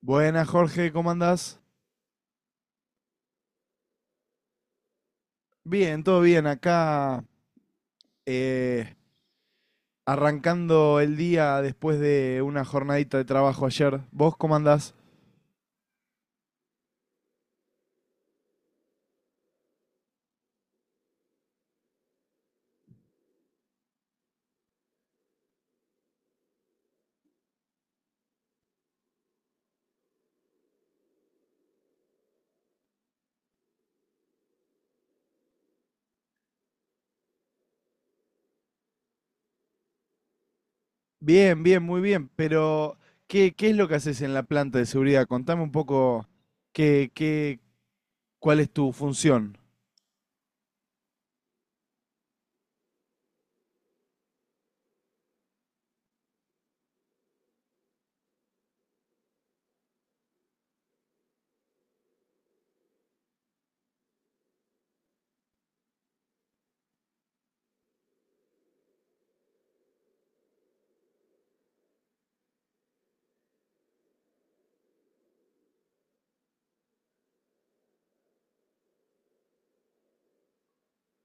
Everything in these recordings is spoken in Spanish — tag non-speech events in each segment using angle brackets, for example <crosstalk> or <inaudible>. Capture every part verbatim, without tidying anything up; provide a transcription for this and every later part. Buenas, Jorge, ¿cómo andás? Bien, todo bien. Acá eh, arrancando el día después de una jornadita de trabajo ayer. ¿Vos cómo andás? Bien, bien, muy bien. Pero, ¿qué, qué es lo que haces en la planta de seguridad? Contame un poco qué, qué, cuál es tu función,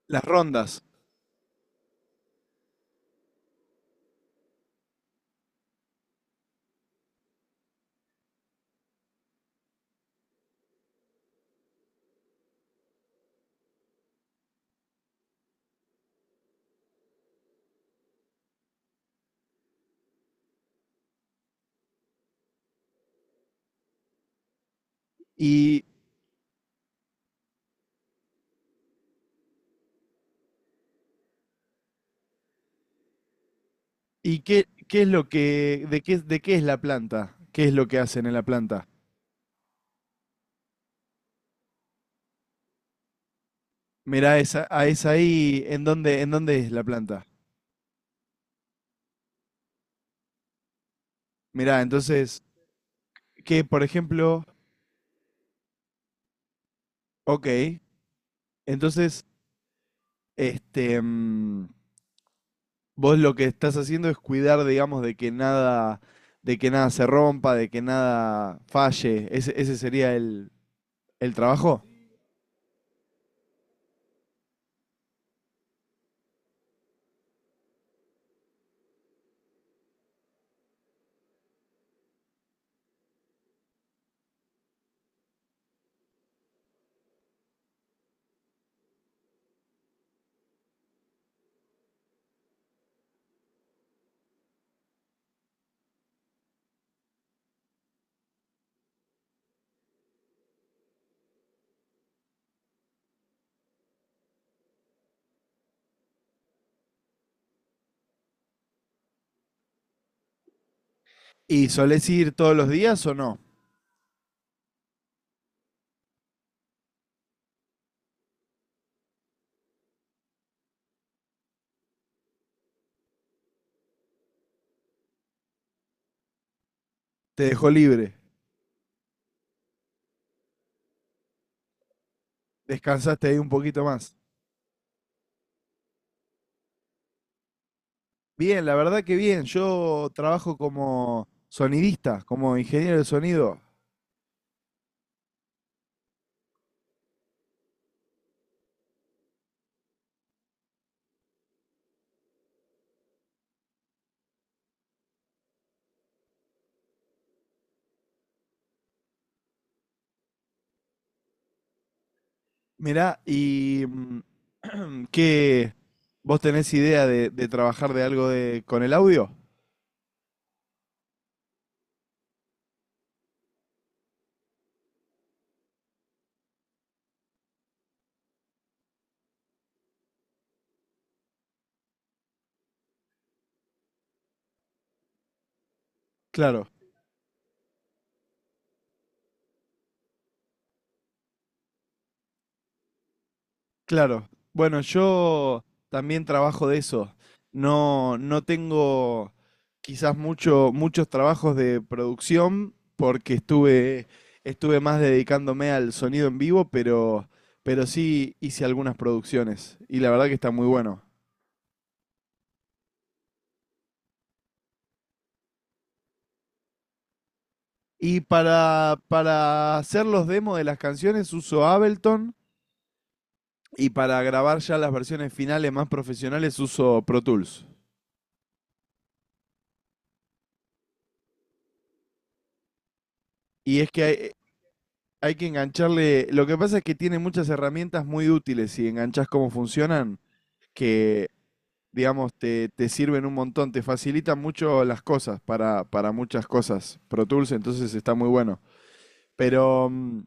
las rondas. Y, y qué, qué es lo que, de qué, de qué es la planta, qué es lo que hacen en la planta. Mirá, esa, ah, es ahí, ¿en dónde, en dónde es la planta? Mirá, entonces. Que, por ejemplo, ok, entonces, este, mm, vos lo que estás haciendo es cuidar, digamos, de que nada, de que nada se rompa, de que nada falle. Ese, ese sería el, el trabajo. ¿Y solés ir todos los días o no? ¿Te dejó libre? ¿Descansaste ahí un poquito más? Bien, la verdad que bien. Yo trabajo como sonidista, como ingeniero de sonido. Mirá, y mm, <clears throat> ¿qué vos tenés idea de, de trabajar de algo de con el audio? Claro, claro. Bueno, yo también trabajo de eso. No, no tengo quizás mucho, muchos trabajos de producción porque estuve, estuve más dedicándome al sonido en vivo, pero, pero sí hice algunas producciones y la verdad que está muy bueno. Y para, para hacer los demos de las canciones uso Ableton. Y para grabar ya las versiones finales más profesionales uso Pro Tools. Y es que hay, hay que engancharle, lo que pasa es que tiene muchas herramientas muy útiles si enganchas cómo funcionan, que digamos te, te sirven un montón, te facilitan mucho las cosas para, para muchas cosas. Pro Tools entonces está muy bueno. Pero, mm,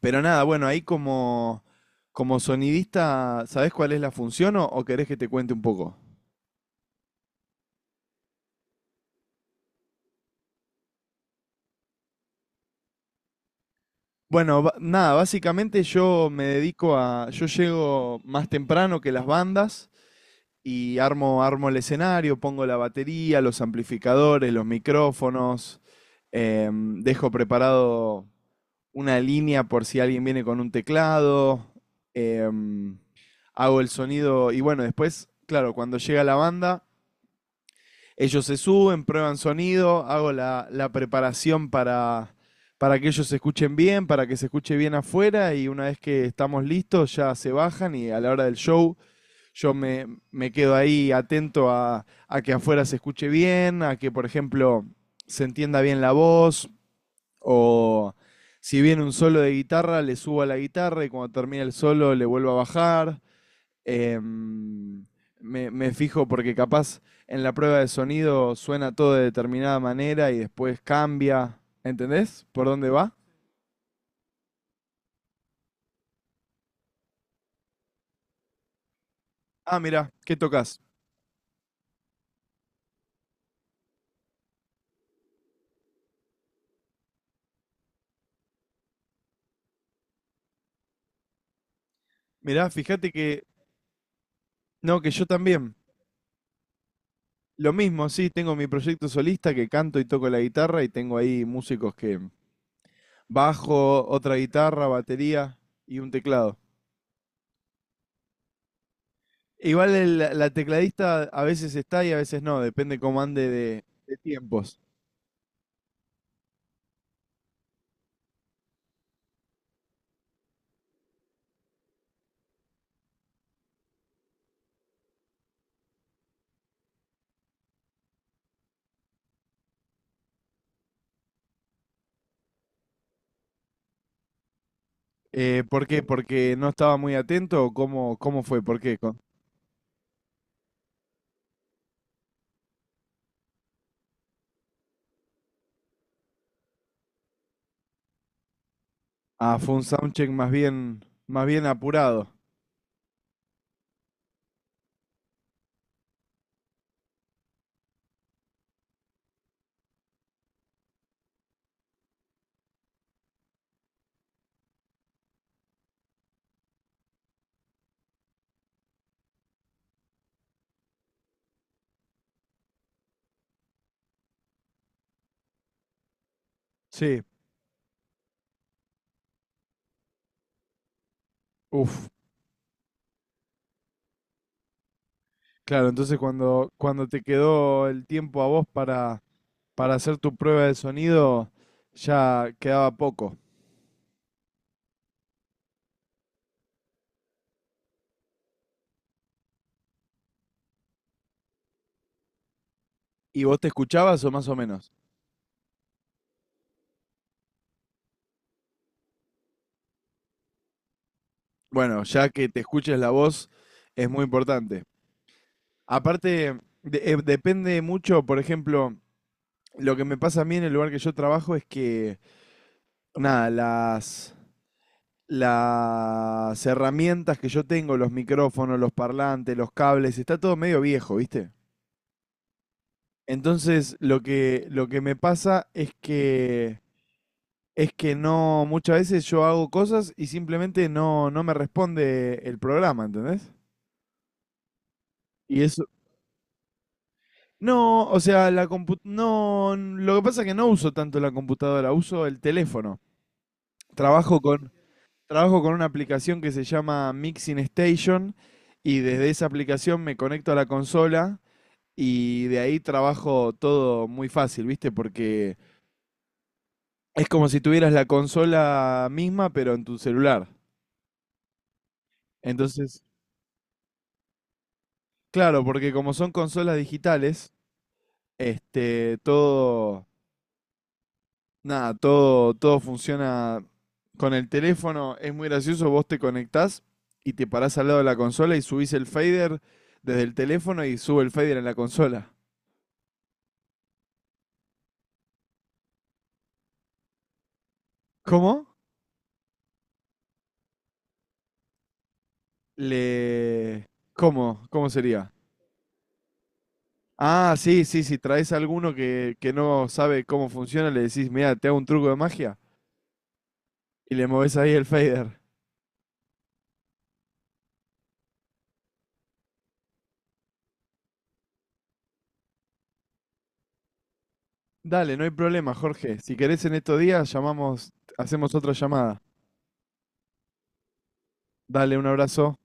pero nada, bueno, ahí como, como sonidista, ¿sabés cuál es la función o, o querés que te cuente un poco? Bueno, ba- nada, básicamente yo me dedico a, yo llego más temprano que las bandas y armo, armo el escenario, pongo la batería, los amplificadores, los micrófonos, em, dejo preparado una línea por si alguien viene con un teclado, em, hago el sonido y bueno, después, claro, cuando llega la banda, ellos se suben, prueban sonido, hago la, la preparación para, para que ellos se escuchen bien, para que se escuche bien afuera y una vez que estamos listos ya se bajan y a la hora del show yo me, me quedo ahí atento a, a que afuera se escuche bien, a que por ejemplo se entienda bien la voz o si viene un solo de guitarra le subo a la guitarra y cuando termina el solo le vuelvo a bajar. Em, me, me fijo porque capaz en la prueba de sonido suena todo de determinada manera y después cambia. ¿Entendés? ¿Por dónde va? Ah, mirá, ¿qué tocas? Mirá, fíjate que... No, que yo también. Lo mismo, sí, tengo mi proyecto solista que canto y toco la guitarra y tengo ahí músicos que bajo, otra guitarra, batería y un teclado. Igual el- la tecladista a veces está y a veces no, depende cómo ande de de tiempos. Eh, ¿por qué? ¿Porque no estaba muy atento? ¿O ¿Cómo, cómo fue? ¿Por qué? Con- Ah, fue un soundcheck más bien, más bien apurado. Sí, uff. Claro, entonces cuando, cuando te quedó el tiempo a vos para, para hacer tu prueba de sonido, ya quedaba poco. ¿Y vos te escuchabas o más o menos? Bueno, ya que te escuches la voz es muy importante. Aparte, de- eh, depende mucho, por ejemplo, lo que me pasa a mí en el lugar que yo trabajo es que, nada, las... las herramientas que yo tengo, los micrófonos, los parlantes, los cables, está todo medio viejo, ¿viste? Entonces, lo que, lo que me pasa es que, es que no, muchas veces yo hago cosas y simplemente no, no me responde el programa, ¿entendés? Y eso, no, o sea, la compu- no, lo que pasa es que no uso tanto la computadora, uso el teléfono. Trabajo con, trabajo con una aplicación que se llama Mixing Station y desde esa aplicación me conecto a la consola y de ahí trabajo todo muy fácil, ¿viste? Porque es como si tuvieras la consola misma, pero en tu celular. Entonces, claro, porque como son consolas digitales, este, todo, nada, todo, todo funciona con el teléfono. Es muy gracioso, vos te conectás y te parás al lado de la consola y subís el fader desde el teléfono y sube el fader en la consola. ¿Cómo? Le... ¿Cómo? ¿Cómo sería? Ah, sí, sí, si traes a alguno que, que no sabe cómo funciona, le decís, mira, te hago un truco de magia y le movés ahí el fader. Dale, no hay problema, Jorge. Si querés en estos días, llamamos, hacemos otra llamada. Dale, un abrazo.